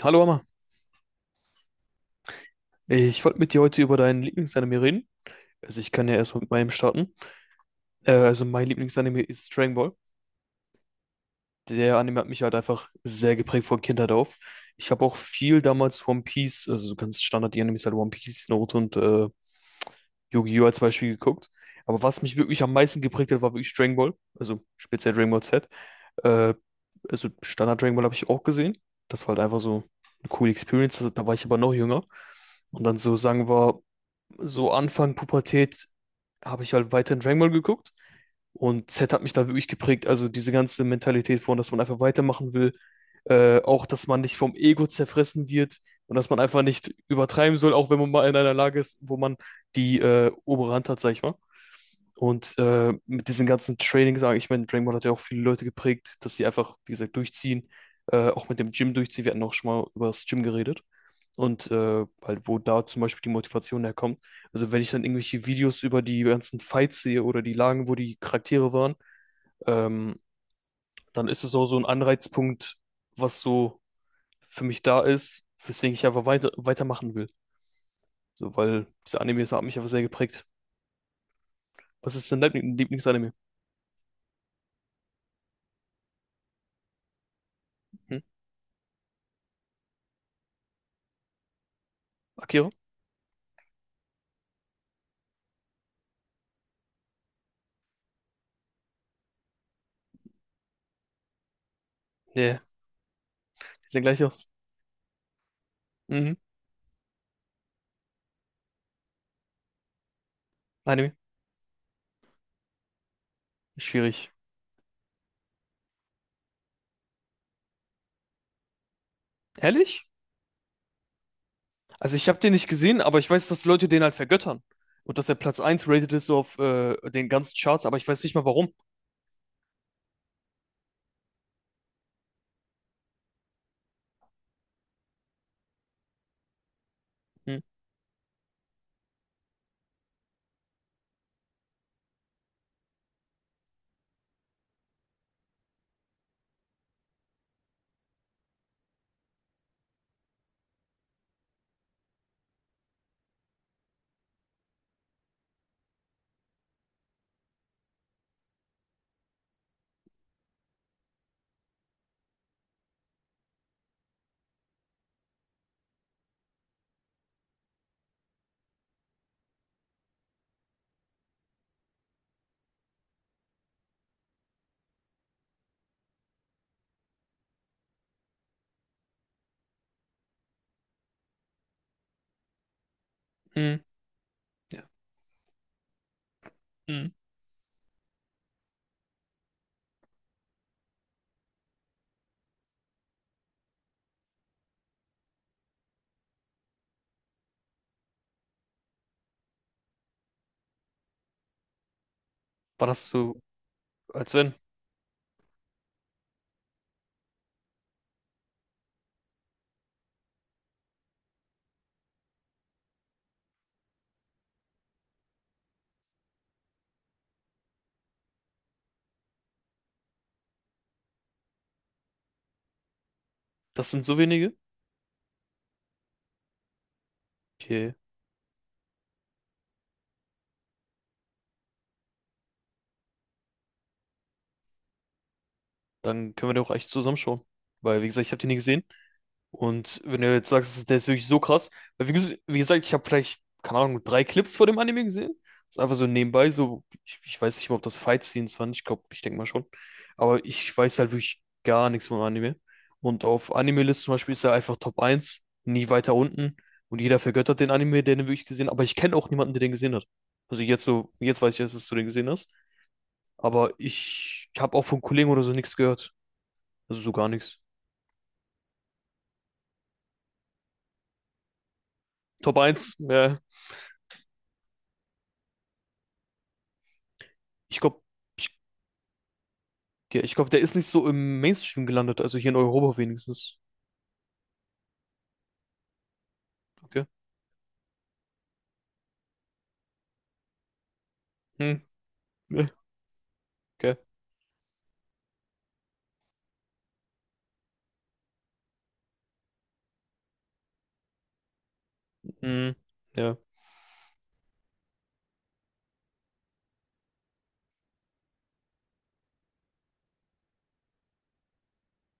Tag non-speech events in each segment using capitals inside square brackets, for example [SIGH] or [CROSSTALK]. Hallo Amma, ich wollte mit dir heute über deinen Lieblingsanime reden. Also ich kann ja erstmal mit meinem starten. Also mein Lieblingsanime ist Dragon Ball. Der Anime hat mich halt einfach sehr geprägt von Kindheit auf. Ich habe auch viel damals One Piece, also so ganz Standard die Animes halt One Piece, Naruto und Yu-Gi-Oh! Als Beispiel geguckt. Aber was mich wirklich am meisten geprägt hat, war wirklich Dragon Ball. Also speziell Dragon Ball Z. Äh, also Standard Dragon Ball habe ich auch gesehen. Das war halt einfach so eine coole Experience. Also, da war ich aber noch jünger. Und dann so sagen wir so Anfang Pubertät habe ich halt weiterhin Dragon Ball geguckt und Z hat mich da wirklich geprägt. Also diese ganze Mentalität von, dass man einfach weitermachen will, auch dass man nicht vom Ego zerfressen wird und dass man einfach nicht übertreiben soll, auch wenn man mal in einer Lage ist, wo man die obere Hand hat, sag ich mal. Und mit diesen ganzen Trainings, sage ich, ich meine, Dragon Ball hat ja auch viele Leute geprägt, dass sie einfach, wie gesagt, durchziehen, auch mit dem Gym durchziehen. Wir hatten auch schon mal über das Gym geredet. Und halt, wo da zum Beispiel die Motivation herkommt. Also wenn ich dann irgendwelche Videos über die ganzen Fights sehe oder die Lagen, wo die Charaktere waren, ähm, dann ist es auch so ein Anreizpunkt, was so für mich da ist, weswegen ich einfach weitermachen will. So, weil dieser Anime, das hat mich einfach sehr geprägt. Was ist dein Lieblingsanime? Hm? Akira? Nee. Sieht gleich aus. Mhm. Anime. Schwierig. Ehrlich? Also ich habe den nicht gesehen, aber ich weiß, dass Leute den halt vergöttern. Und dass er Platz eins rated ist so auf den ganzen Charts, aber ich weiß nicht mal warum. Mhm. Mhm. Ja. Mhm. War das so, als wenn? Das sind so wenige? Okay, dann können wir doch echt zusammenschauen. Weil, wie gesagt, ich habe den nie gesehen. Und wenn du jetzt sagst, der ist wirklich so krass, weil wie gesagt, ich habe vielleicht, keine Ahnung, drei Clips vor dem Anime gesehen. Das ist einfach so nebenbei, so, ich weiß nicht mal, ob das Fight-Scenes waren, ich glaube, ich denke mal schon. Aber ich weiß halt wirklich gar nichts vom Anime. Und auf Anime-List zum Beispiel ist er einfach Top eins, nie weiter unten. Und jeder vergöttert den Anime, der den wirklich gesehen hat. Aber ich kenne auch niemanden, der den gesehen hat. Also jetzt so, jetzt weiß ich erst, dass du den gesehen hast. Aber ich habe auch von Kollegen oder so nichts gehört. Also so gar nichts. Top eins, ja. Ich glaube, ja ich glaube, der ist nicht so im Mainstream gelandet, also hier in Europa wenigstens. Okay. Hm. Ja. Okay. Hm. Ja.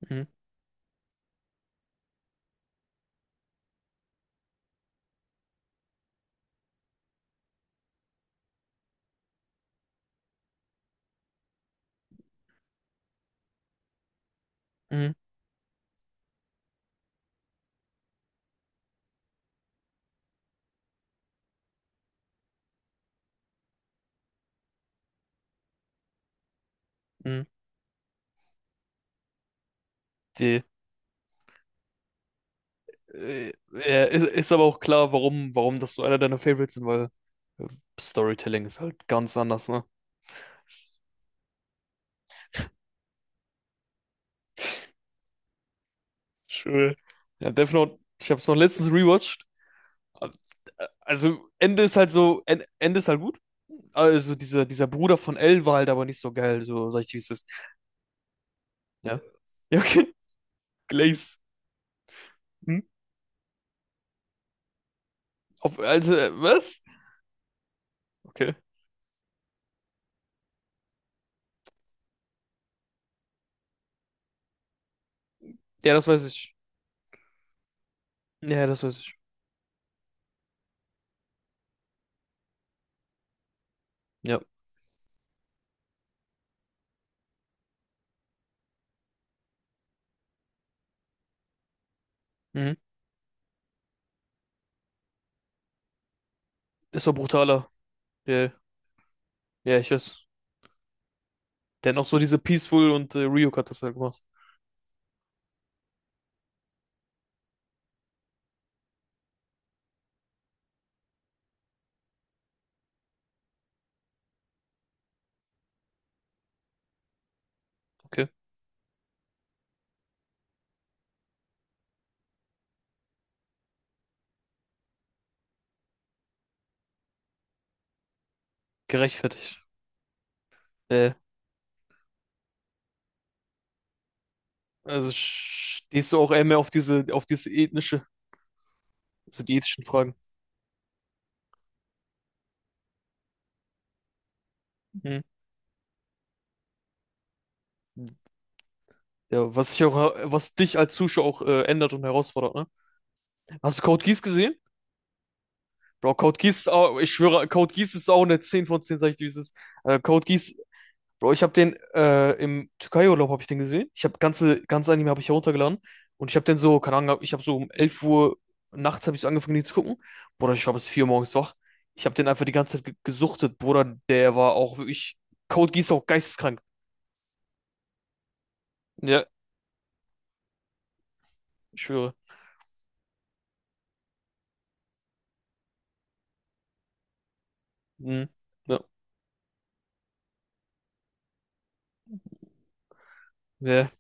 Hm. Hm. Hm. Die, ja, ist aber auch klar, warum das so einer deiner Favorites sind, weil äh, Storytelling ist halt ganz anders, ne? Schön. Ja, Death Note, ich habe es noch letztens rewatcht. Also, Ende ist halt so, Ende ist halt gut. Also, dieser Bruder von L war halt aber nicht so geil, so sag ich dir, wie es ist. Ja. Ja, okay. Glaze. Hm? Auf, also, was? Okay. Ja, das weiß ich. Ja, das weiß ich. Ja. Mhm. Ist doch brutaler. Ja, ja, ich weiß. Der hat noch so diese Peaceful und Ryuk hat das ja gemacht. Okay. Gerechtfertigt. Äh, also stehst du auch eher mehr auf auf diese ethnische, also die ethischen Fragen. Mhm. Ja, was sich auch, was dich als Zuschauer auch ändert und herausfordert, ne? Hast du Code Geass gesehen? Bro, Code Geass, ich schwöre, Code Geass ist auch eine 10 von 10, sag ich dir, wie es ist. Code Geass Bro, ich habe den im Türkei-Urlaub habe ich den gesehen. Ich habe ganze Anime habe ich heruntergeladen und ich habe den so, keine Ahnung, ich habe so um 11 Uhr nachts habe ich so angefangen den zu gucken. Bruder, ich war bis 4 Uhr morgens wach. Ich habe den einfach die ganze Zeit ge gesuchtet, Bruder, der war auch wirklich Code Geass auch geisteskrank. Ja, ich schwöre. Mhm. Ja. Ja.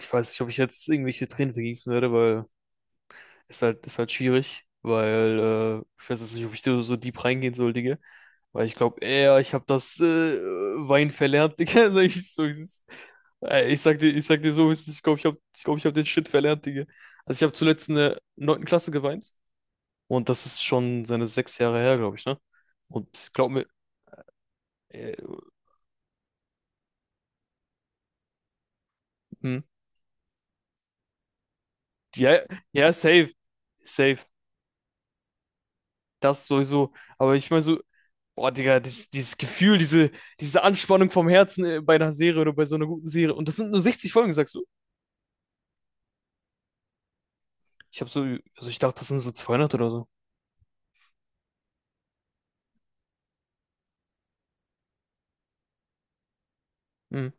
Ich weiß nicht, ob ich jetzt irgendwelche Tränen vergießen werde, weil es ist halt schwierig, weil ich weiß jetzt nicht, ob ich da so deep reingehen soll, Digga. Weil ich glaube eher, ich habe das Wein verlernt, Digga. [LAUGHS] Sag ich, so, es ist, Ey, ich sag dir so, wie es ist. Ich glaube, ich habe ich glaub, ich hab den Shit verlernt, Digga. Also ich habe zuletzt in der 9. Klasse geweint. Und das ist schon seine 6 Jahre her, glaube ich, ne? Und glaub mir, äh, hm, ja, ja, safe. Safe. Das sowieso. Aber ich meine so, boah, Digga, dieses Gefühl, diese Anspannung vom Herzen bei einer Serie oder bei so einer guten Serie. Und das sind nur 60 Folgen, sagst du? Ich habe so, also ich dachte, das sind so 200 oder so. Hm.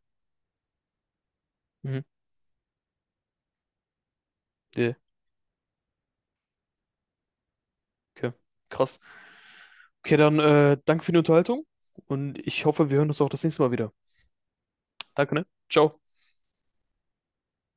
Mhm. Nee, okay. Krass. Okay, dann danke für die Unterhaltung und ich hoffe, wir hören uns auch das nächste Mal wieder. Danke, ne? Ciao.